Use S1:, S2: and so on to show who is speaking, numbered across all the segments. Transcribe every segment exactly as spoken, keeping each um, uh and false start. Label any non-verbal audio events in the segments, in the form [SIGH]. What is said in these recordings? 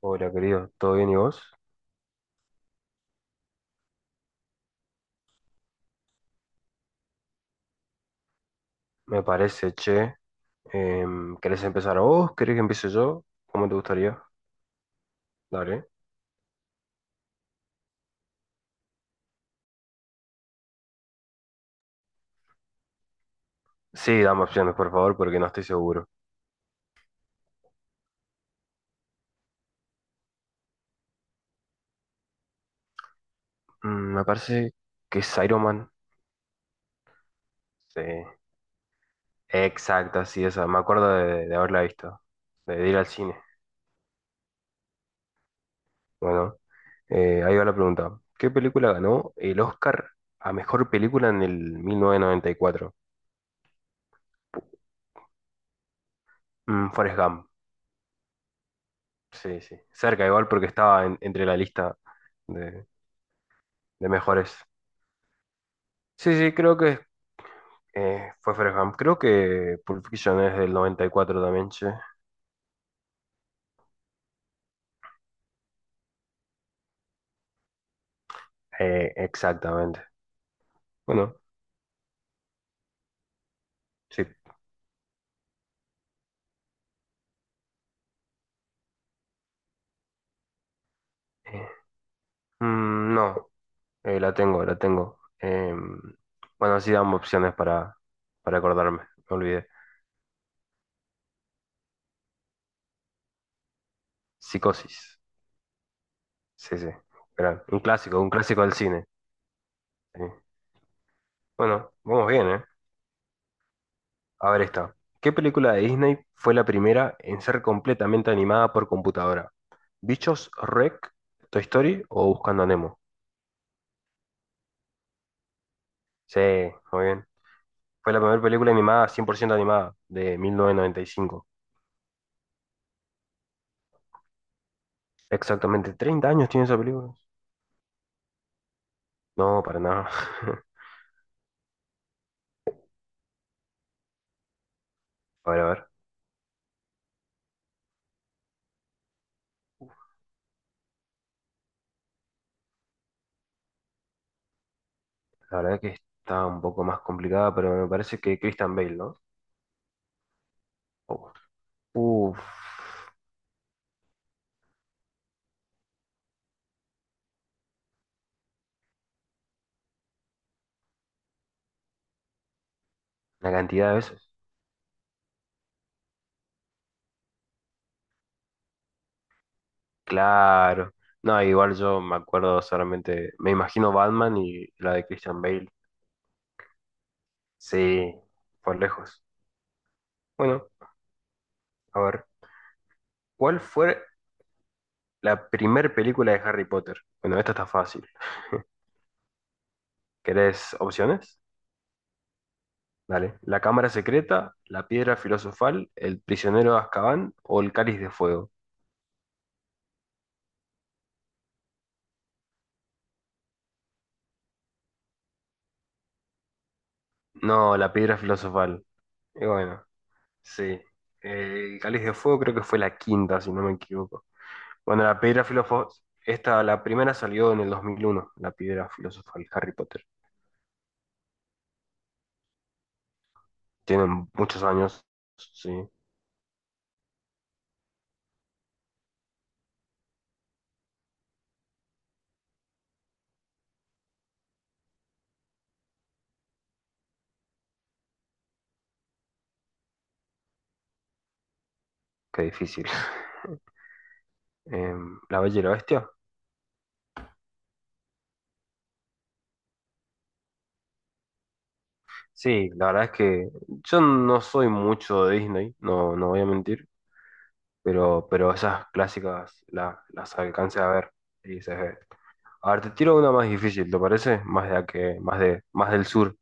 S1: Hola, querido, ¿todo bien y vos? Me parece, che. Em, ¿querés empezar vos? ¿Querés que empiece yo? ¿Cómo te gustaría? Dale. Sí, dame opciones, por favor, porque no estoy seguro. Mm, me parece que es Iron Man. Sí, exacta, sí, esa. Me acuerdo de, de haberla visto, de, de ir al cine. Bueno, eh, ahí va la pregunta. ¿Qué película ganó el Oscar a mejor película en el mil novecientos noventa y cuatro? Mm, Forrest Gump. Sí, sí. Cerca igual porque estaba en- entre la lista de de mejores. Sí, sí, creo que eh, fue Fareham. Creo que Pulp Fiction es del noventa y cuatro también, sí. Eh, exactamente. Bueno, sí. Eh, mm, no, eh, la tengo, la tengo. Eh, bueno, así damos opciones para, para acordarme, me olvidé. Psicosis. Sí, sí. Gran. Un clásico, un clásico del cine. Sí. Bueno, vamos bien, ¿eh? A ver esta. ¿Qué película de Disney fue la primera en ser completamente animada por computadora? ¿Bichos, Rec, Toy Story o Buscando a Nemo? Sí, muy bien. Fue la primera película animada, cien por ciento animada, de mil novecientos noventa y cinco. Exactamente, treinta años tiene esa película. No, para nada. [LAUGHS] A ver, a ver. La verdad que está un poco más complicada, pero me parece que Christian Bale, ¿no? Oh. Uf, la cantidad de veces. Claro. No, igual yo me acuerdo solamente, me imagino Batman y la de Christian Bale. Sí, por lejos. Bueno, a ver. ¿Cuál fue la primer película de Harry Potter? Bueno, esta está fácil. ¿Querés opciones? Dale. ¿La cámara secreta, la piedra filosofal, el prisionero de Azkaban o el cáliz de fuego? No, la piedra filosofal. Y bueno, sí. Eh, El cáliz de fuego creo que fue la quinta, si no me equivoco. Bueno, la piedra filosofal, esta, la primera salió en el dos mil uno, la piedra filosofal, Harry Potter. Tienen muchos años, sí, qué difícil. [LAUGHS] Em, ¿La Bella y la Bestia? Sí, la verdad es que yo no soy mucho de Disney, no, no voy a mentir. pero, pero esas clásicas la- las alcancé a ver y se ve. A ver, te tiro una más difícil, ¿te parece? Más de la que, más de, más del sur.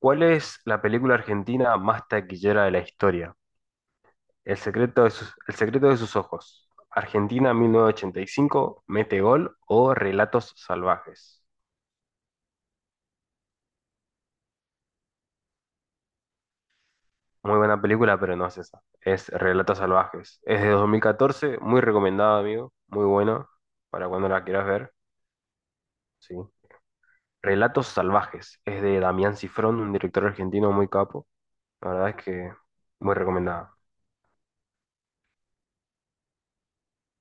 S1: ¿Cuál es la película argentina más taquillera de la historia? El secreto de sus, El secreto de sus ojos. Argentina mil novecientos ochenta y cinco, Mete Gol o Relatos Salvajes. Muy buena película, pero no es esa. Es Relatos Salvajes. Es de dos mil catorce, muy recomendada, amigo. Muy buena para cuando la quieras ver. Sí. Relatos Salvajes. Es de Damián Cifrón, un director argentino muy capo. La verdad es que muy recomendada.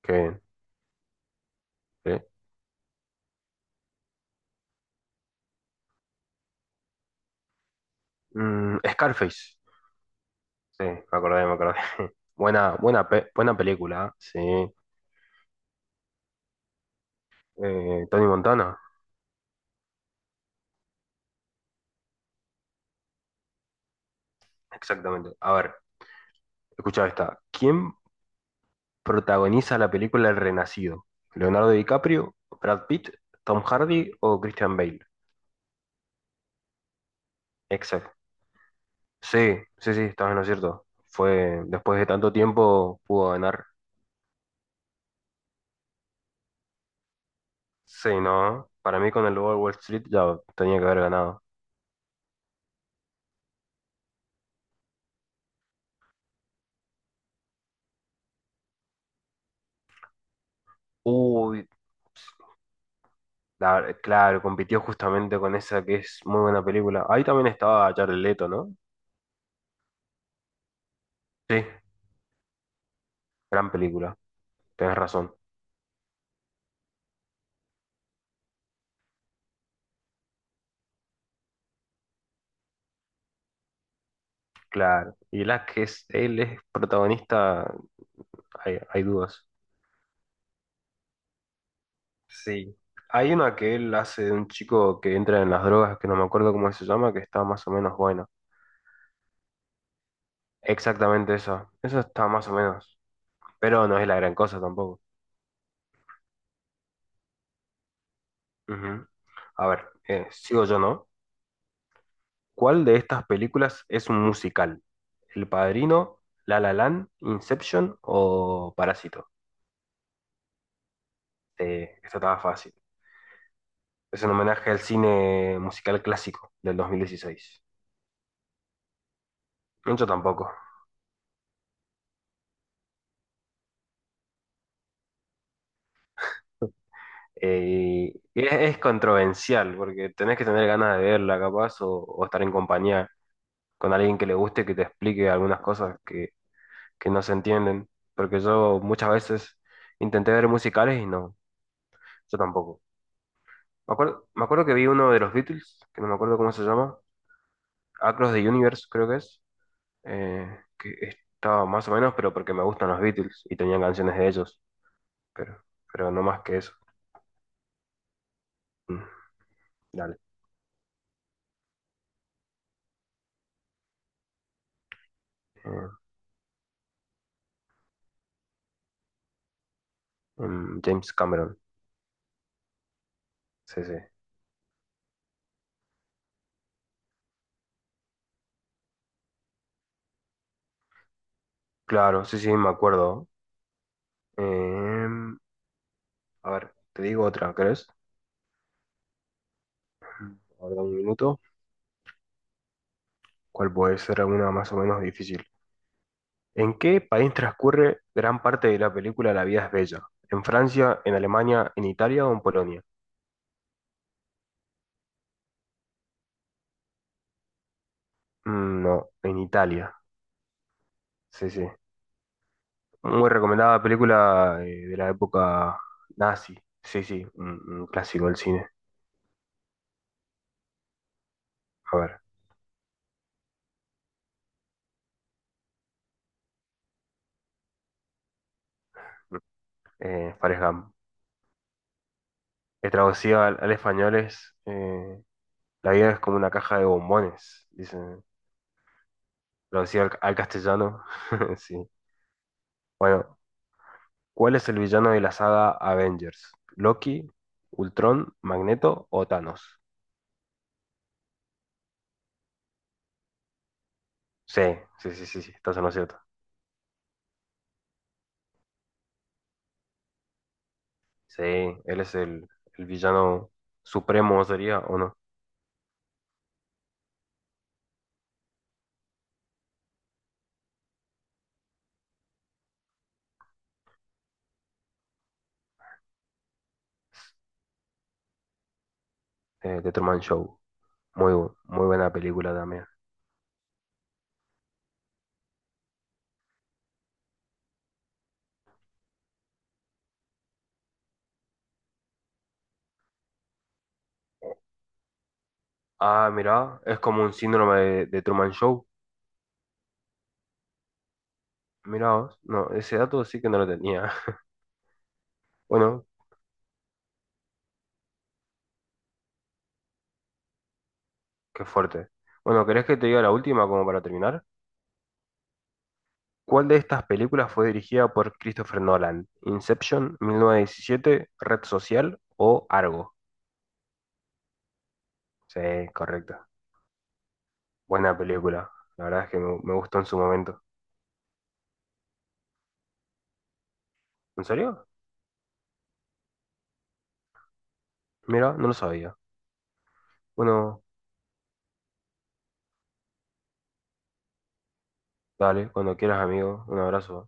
S1: Qué bien. Sí. Mm, Scarface. Sí, me acordé, me acordé. [LAUGHS] Buena, buena, pe- buena película, ¿eh? Sí. Eh, Tony Montana. Exactamente. A ver, escucha esta. ¿Quién protagoniza la película El Renacido? ¿Leonardo DiCaprio, Brad Pitt, Tom Hardy o Christian Bale? Exacto. Sí, sí, sí, estás en lo cierto. Fue, después de tanto tiempo pudo ganar. Sí, no. Para mí con el Lobo de Wall Street ya tenía que haber ganado. Uy, la- claro, compitió justamente con esa que es muy buena película. Ahí también estaba Jared Leto, ¿no? Sí, gran película. Tenés razón. Claro. Y la que es, él es protagonista, hay, hay dudas. Sí. Hay una que él hace de un chico que entra en las drogas, que no me acuerdo cómo se llama, que está más o menos buena. Exactamente esa. Esa está más o menos. Pero no es la gran cosa tampoco. Ujú. A ver, eh, sigo yo, ¿no? ¿Cuál de estas películas es un musical? ¿El Padrino, La La Land, Inception o Parásito? Eh, esta estaba fácil. Es un homenaje al cine musical clásico del dos mil dieciséis. Mucho tampoco. Eh, y es, es controversial porque tenés que tener ganas de verla, capaz, o, o estar en compañía con alguien que le guste, que te explique algunas cosas que, que no se entienden. Porque yo muchas veces intenté ver musicales y no, yo tampoco. Me acuerdo, me acuerdo que vi uno de los Beatles, que no me acuerdo cómo se llama, Across the Universe creo que es, eh, que estaba más o menos, pero porque me gustan los Beatles y tenían canciones de ellos, pero, pero no más que eso. Mm, dale. Eh, mm, James Cameron, sí, sí. Claro, sí, sí, me acuerdo. Em, a ver, te digo otra, ¿crees? Ahora un minuto. ¿Cuál puede ser alguna más o menos difícil? ¿En qué país transcurre gran parte de la película La vida es bella? ¿En Francia, en Alemania, en Italia o en Polonia? Mm, no, en Italia. Sí, sí. Muy recomendada película, eh, de la época nazi. Sí, sí, un, un clásico del cine. A ver, eh, Forrest Gump. Que traducido al, al español es, eh, La vida es como una caja de bombones, dicen. Traducido al, al castellano. [LAUGHS] Sí. Bueno, ¿cuál es el villano de la saga Avengers? ¿Loki, Ultron, Magneto o Thanos? Sí, sí, sí, sí, sí, estás en lo cierto. Sí, él es el, el villano supremo, sería, ¿o no? Eh, de Truman Show. Muy, bu- muy buena película también. Ah, mirá, es como un síndrome de, de Truman Show. Mirá vos. No, ese dato sí que no lo tenía. [LAUGHS] Bueno, qué fuerte. Bueno, ¿querés que te diga la última como para terminar? ¿Cuál de estas películas fue dirigida por Christopher Nolan? ¿Inception, mil novecientos diecisiete, Red Social o Argo? Sí, correcto. Buena película. La verdad es que me, me gustó en su momento. ¿En serio? Mira, no lo sabía. Bueno, dale, cuando quieras, amigo. Un abrazo.